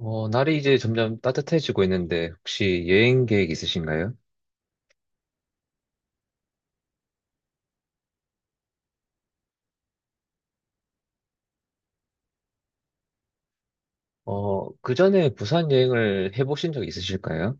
날이 이제 점점 따뜻해지고 있는데 혹시 여행 계획 있으신가요? 그 전에 부산 여행을 해보신 적 있으실까요?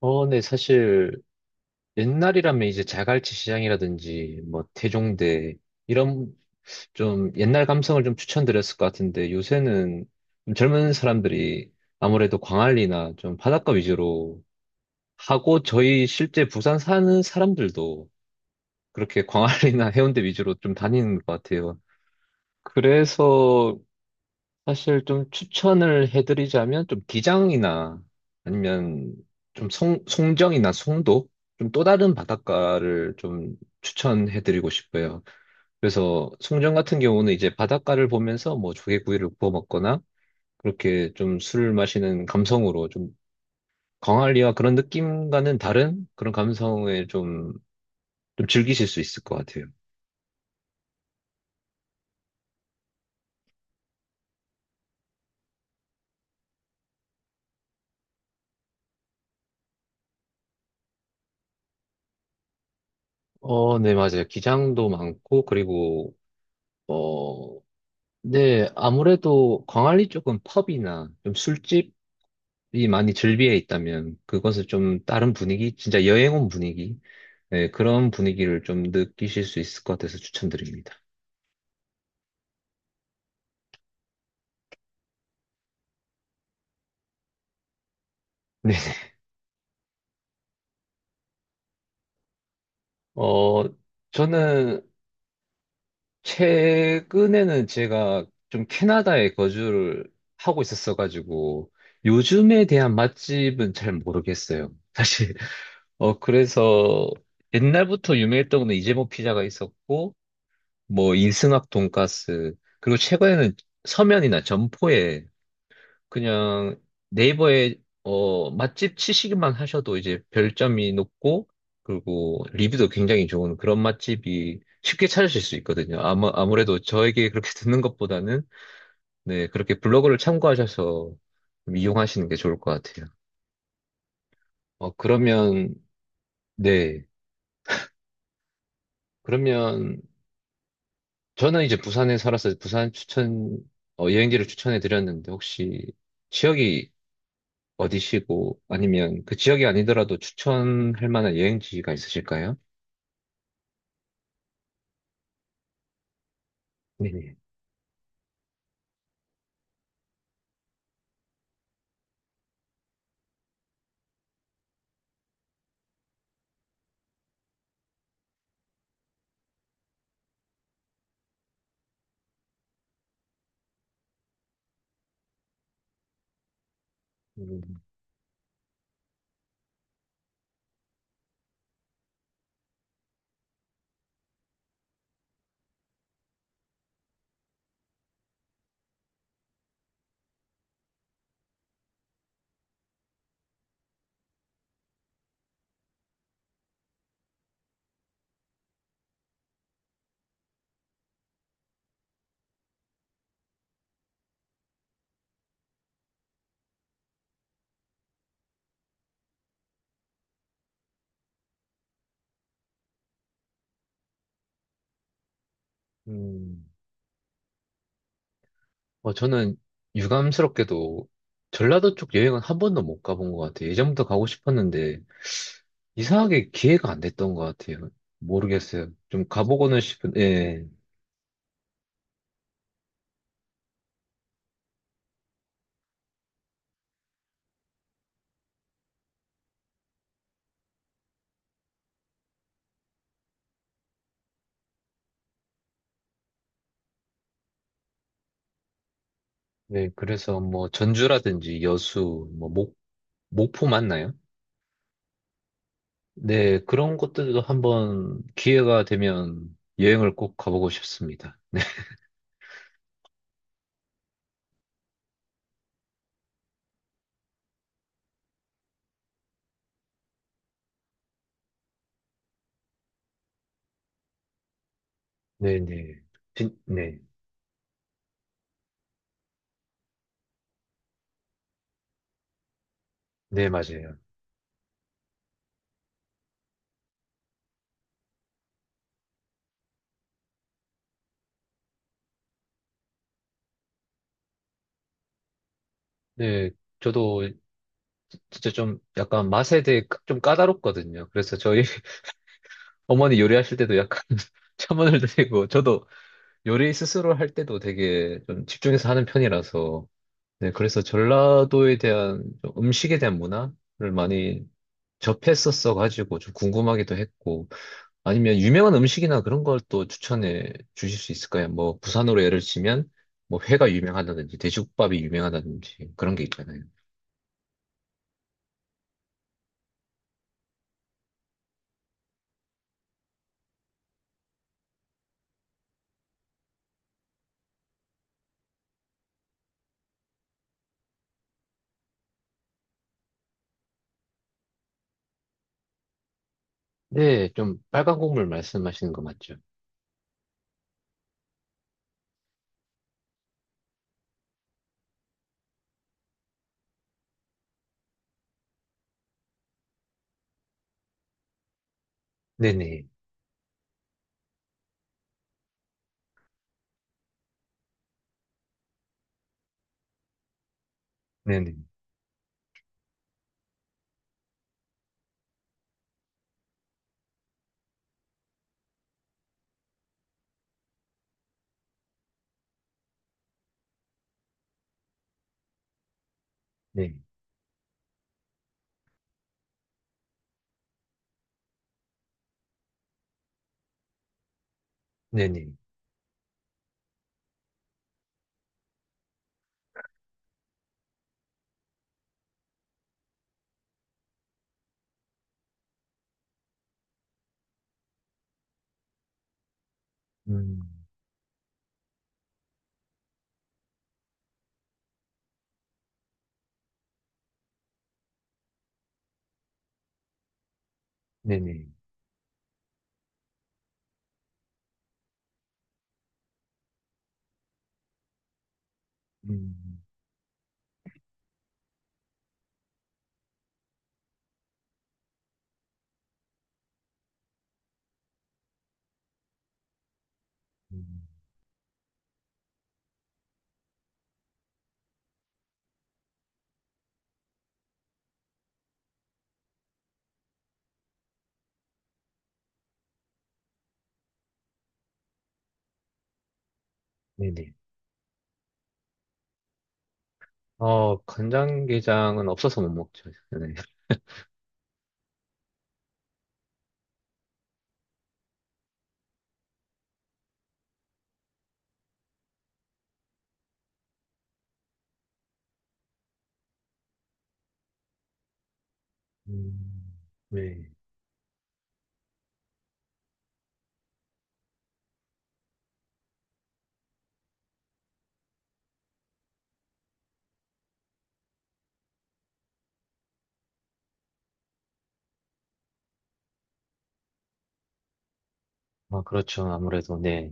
어, 네, 사실 옛날이라면 이제 자갈치 시장이라든지 뭐 태종대 이런 좀 옛날 감성을 좀 추천드렸을 것 같은데 요새는 좀 젊은 사람들이 아무래도 광안리나 좀 바닷가 위주로 하고 저희 실제 부산 사는 사람들도 그렇게 광안리나 해운대 위주로 좀 다니는 것 같아요. 그래서 사실 좀 추천을 해드리자면 좀 기장이나 아니면 좀 송정이나 송도 좀 또 다른 바닷가를 좀 추천해드리고 싶어요. 그래서 송정 같은 경우는 이제 바닷가를 보면서 뭐 조개구이를 구워 먹거나 그렇게 좀 술을 마시는 감성으로 좀 광안리와 그런 느낌과는 다른 그런 감성에 좀, 좀 즐기실 수 있을 것 같아요. 어, 네, 맞아요. 기장도 많고 그리고 네, 아무래도 광안리 쪽은 펍이나 좀 술집이 많이 즐비해 있다면 그것을 좀 다른 분위기, 진짜 여행 온 분위기, 네, 그런 분위기를 좀 느끼실 수 있을 것 같아서 추천드립니다. 네. 어, 저는 최근에는 제가 좀 캐나다에 거주를 하고 있었어가지고 요즘에 대한 맛집은 잘 모르겠어요. 사실. 그래서 옛날부터 유명했던 거는 이재모 피자가 있었고 뭐 인승학 돈가스 그리고 최근에는 서면이나 점포에 그냥 네이버에 맛집 치시기만 하셔도 이제 별점이 높고 그리고 리뷰도 굉장히 좋은 그런 맛집이 쉽게 찾으실 수 있거든요. 아마 아무래도 저에게 그렇게 듣는 것보다는 네 그렇게 블로그를 참고하셔서 좀 이용하시는 게 좋을 것 같아요. 그러면 네 그러면 저는 이제 부산에 살아서 부산 추천 어, 여행지를 추천해 드렸는데 혹시 지역이 어디시고 아니면 그 지역이 아니더라도 추천할 만한 여행지가 있으실까요? 네네. 음, 음. 저는 유감스럽게도 전라도 쪽 여행은 한 번도 못 가본 것 같아요. 예전부터 가고 싶었는데 이상하게 기회가 안 됐던 것 같아요. 모르겠어요. 좀 가보고는 싶은, 예. 네, 그래서 뭐 전주라든지 여수, 뭐 목포 맞나요? 네, 그런 곳들도 한번 기회가 되면 여행을 꼭 가보고 싶습니다. 네네. 진, 네. 네, 맞아요. 네. 저도 진짜 좀 약간 맛에 대해 좀 까다롭거든요. 그래서 저희 어머니 요리하실 때도 약간 첨언을 드리고, 저도 요리 스스로 할 때도 되게 좀 집중해서 하는 편이라서, 네. 그래서 전라도에 대한 좀 음식에 대한 문화를 많이 접했었어 가지고 좀 궁금하기도 했고, 아니면 유명한 음식이나 그런 걸 또 추천해 주실 수 있을까요? 뭐 부산으로 예를 치면 뭐 회가 유명하다든지 돼지국밥이 유명하다든지 그런 게 있잖아요. 네, 좀 빨간 국물 말씀하시는 거 맞죠? 네네, 네네, 네, 네네, 음, 네네, 음, 음, 네네. 어, 간장게장은 없어서 못 먹죠. 네. 음, 네. 아, 그렇죠. 아무래도, 네.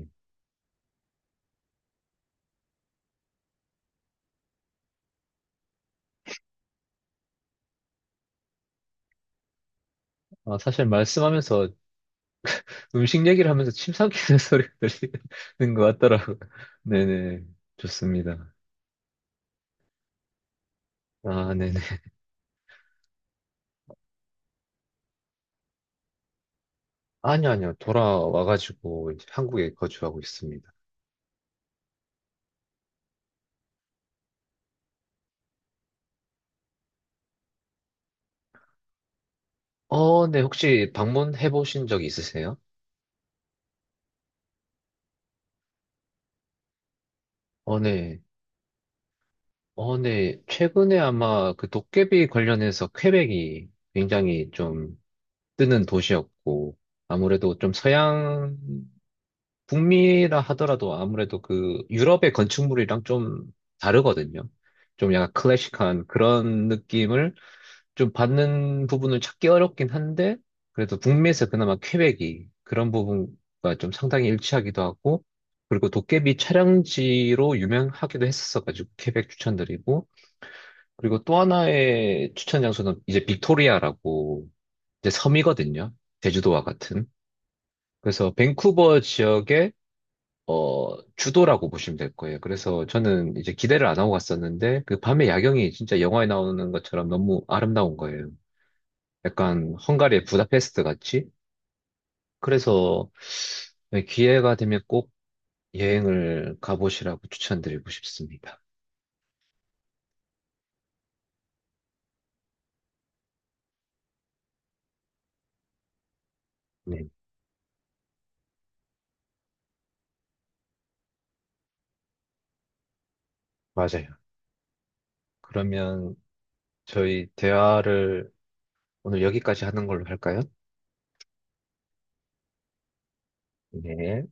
아, 사실 말씀하면서 음식 얘기를 하면서 침 삼키는 소리가 들리는 것 같더라고요. 네네. 좋습니다. 아, 네네. 아니요, 아니요. 돌아와가지고 이제 한국에 거주하고 있습니다. 어, 네. 혹시 방문해 보신 적 있으세요? 어, 네. 어, 네. 최근에 아마 그 도깨비 관련해서 퀘벡이 굉장히 좀 뜨는 도시였고, 아무래도 좀 서양 북미라 하더라도 아무래도 그 유럽의 건축물이랑 좀 다르거든요. 좀 약간 클래식한 그런 느낌을 좀 받는 부분을 찾기 어렵긴 한데, 그래도 북미에서 그나마 퀘벡이 그런 부분과 좀 상당히 일치하기도 하고, 그리고 도깨비 촬영지로 유명하기도 했었어가지고, 퀘벡 추천드리고, 그리고 또 하나의 추천 장소는 이제 빅토리아라고 이제 섬이거든요. 제주도와 같은. 그래서 밴쿠버 지역에 어, 주도라고 보시면 될 거예요. 그래서 저는 이제 기대를 안 하고 갔었는데 그 밤의 야경이 진짜 영화에 나오는 것처럼 너무 아름다운 거예요. 약간 헝가리의 부다페스트 같이. 그래서 네, 기회가 되면 꼭 여행을 가보시라고 추천드리고 싶습니다. 네, 맞아요. 그러면 저희 대화를 오늘 여기까지 하는 걸로 할까요? 네.